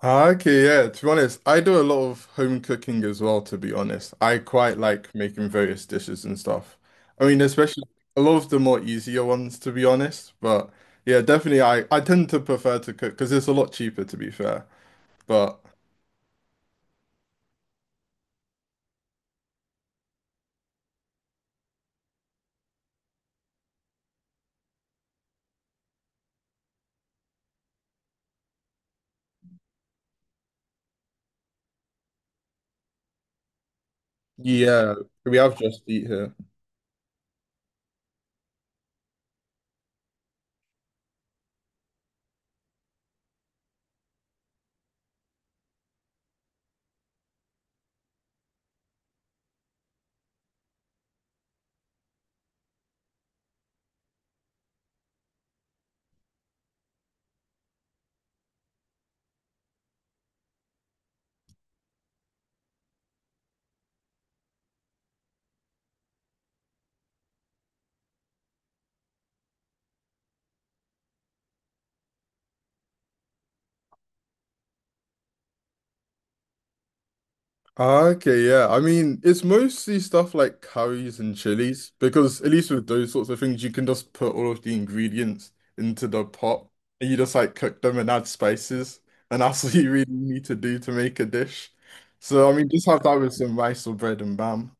Ah, okay, yeah, to be honest, I do a lot of home cooking as well, to be honest. I quite like making various dishes and stuff. I mean, especially a lot of the more easier ones, to be honest. But yeah, definitely I tend to prefer to cook because it's a lot cheaper, to be fair. But yeah, we have just eat here. Ah, okay, yeah. I mean, it's mostly stuff like curries and chilies because at least with those sorts of things, you can just put all of the ingredients into the pot and you just like cook them and add spices, and that's what you really need to do to make a dish. So I mean, just have that with some rice or bread and bam.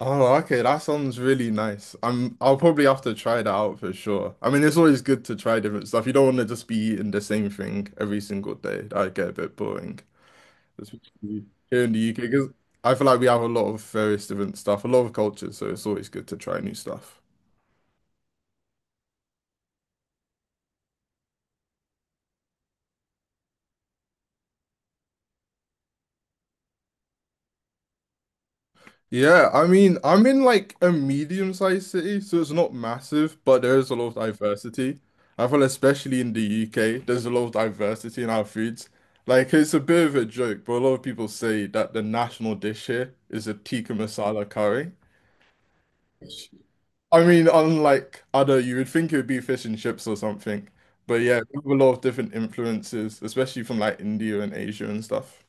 Oh, okay, that sounds really nice. I'll probably have to try that out for sure. I mean, it's always good to try different stuff. You don't want to just be eating the same thing every single day. That'd get a bit boring. It's Here in the UK, because I feel like we have a lot of various different stuff, a lot of cultures, so it's always good to try new stuff. Yeah, I mean, I'm in like a medium-sized city, so it's not massive, but there is a lot of diversity. I feel especially in the UK, there's a lot of diversity in our foods. Like it's a bit of a joke, but a lot of people say that the national dish here is a tikka masala curry. I mean, unlike other, you would think it would be fish and chips or something. But yeah, we have a lot of different influences, especially from like India and Asia and stuff.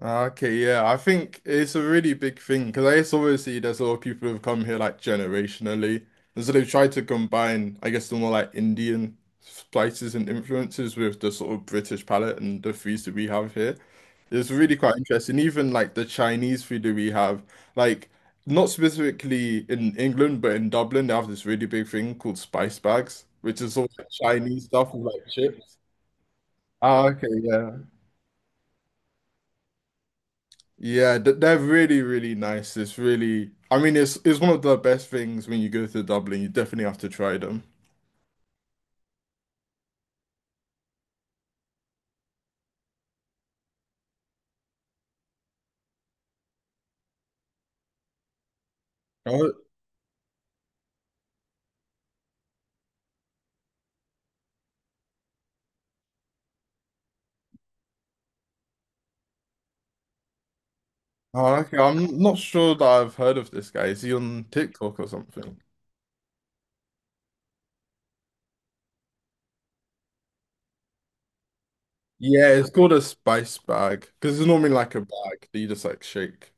Okay, yeah, I think it's a really big thing because I guess obviously there's a lot of people who've come here like generationally, and so they've tried to combine, I guess, the more like Indian spices and influences with the sort of British palate and the foods that we have here. It's really quite interesting. Even like the Chinese food that we have, like not specifically in England, but in Dublin, they have this really big thing called spice bags, which is all like Chinese stuff with like chips. Ah, okay, yeah. Yeah, they're really, really nice. It's really, I mean, it's one of the best things when you go to Dublin. You definitely have to try them. Oh, oh, okay. I'm not sure that I've heard of this guy. Is he on TikTok or something? Yeah, it's called a spice bag because it's normally like a bag that you just like shake.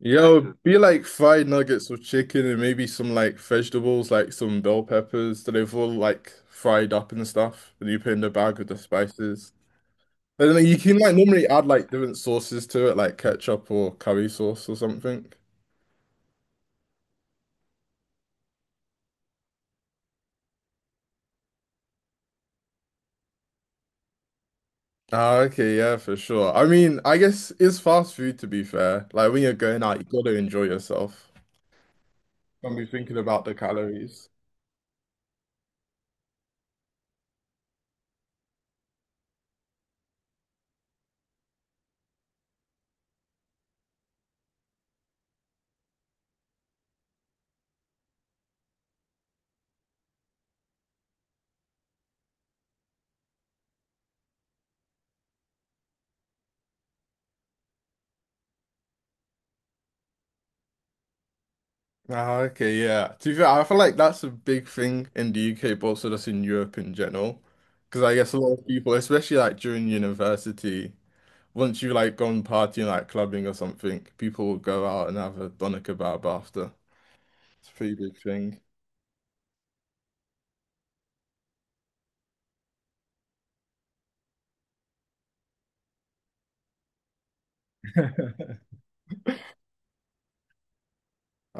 Yeah, it would be like fried nuggets or chicken and maybe some like vegetables, like some bell peppers that they've all like fried up and stuff that you put in the bag with the spices. But then you can like normally add like different sauces to it, like ketchup or curry sauce or something. Ah, okay, yeah, for sure. I mean, I guess it's fast food, to be fair. Like when you're going out, you gotta enjoy yourself. Don't be thinking about the calories. Ah, okay, yeah. To be fair, I feel like that's a big thing in the UK, but also just in Europe in general. Because I guess a lot of people, especially like during university, once you like gone partying, like clubbing or something, people will go out and have a doner kebab after. It's a pretty big thing.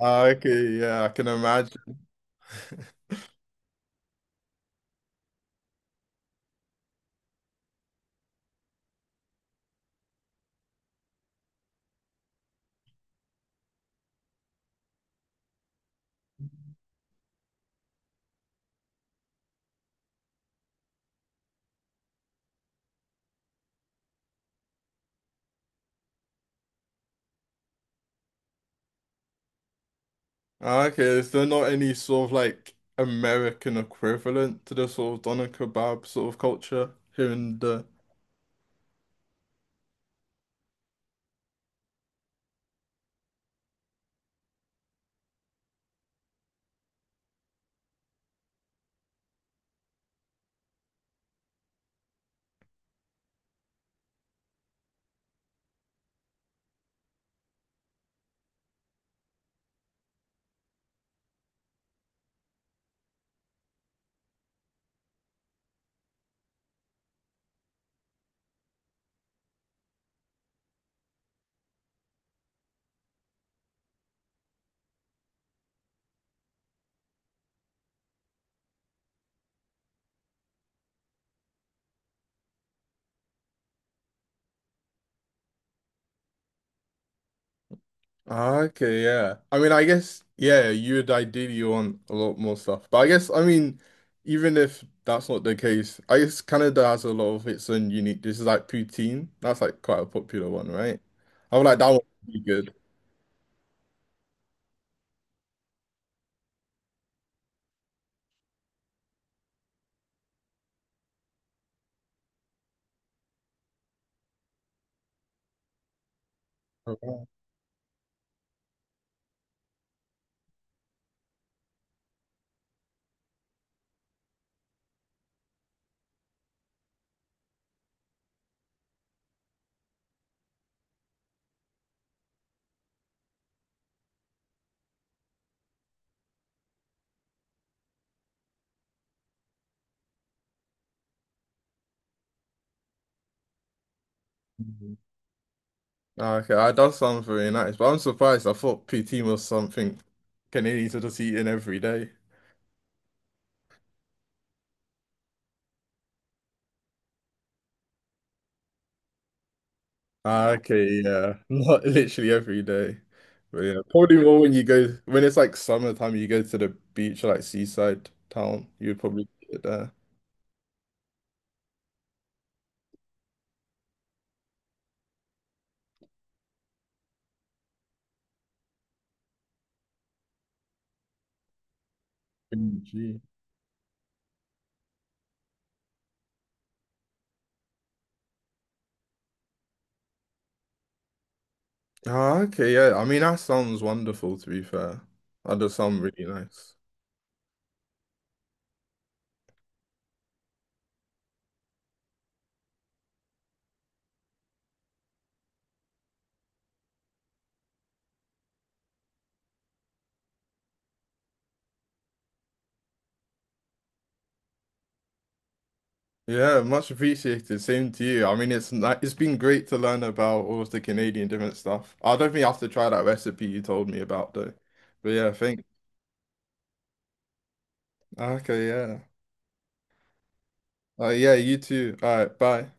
Ah, okay, yeah, I can imagine. Ah, okay, is there not any sort of like American equivalent to the sort of doner kebab sort of culture here in the? Ah, okay, yeah. I mean, I guess yeah, you would ideally want a lot more stuff, but I guess I mean, even if that's not the case, I guess Canada has a lot of its own unique. This is like poutine. That's like quite a popular one, right? I would like that one to be good. Oh, wow. Ah, okay, that does sound very nice, but I'm surprised. I thought poutine was something Canadians are just eating every day. Ah, no. Okay, yeah, not literally every day, but yeah, probably more when you go when it's like summertime. You go to the beach, like seaside town. You'd probably get it there. Mm, gee. Ah, okay, yeah. I mean, that sounds wonderful. To be fair, that does sound really nice. Yeah, much appreciated. Same to you. I mean, it's been great to learn about all of the Canadian different stuff. I don't think I have to try that recipe you told me about though. But yeah, thank. Okay, yeah. Yeah, you too. All right, bye.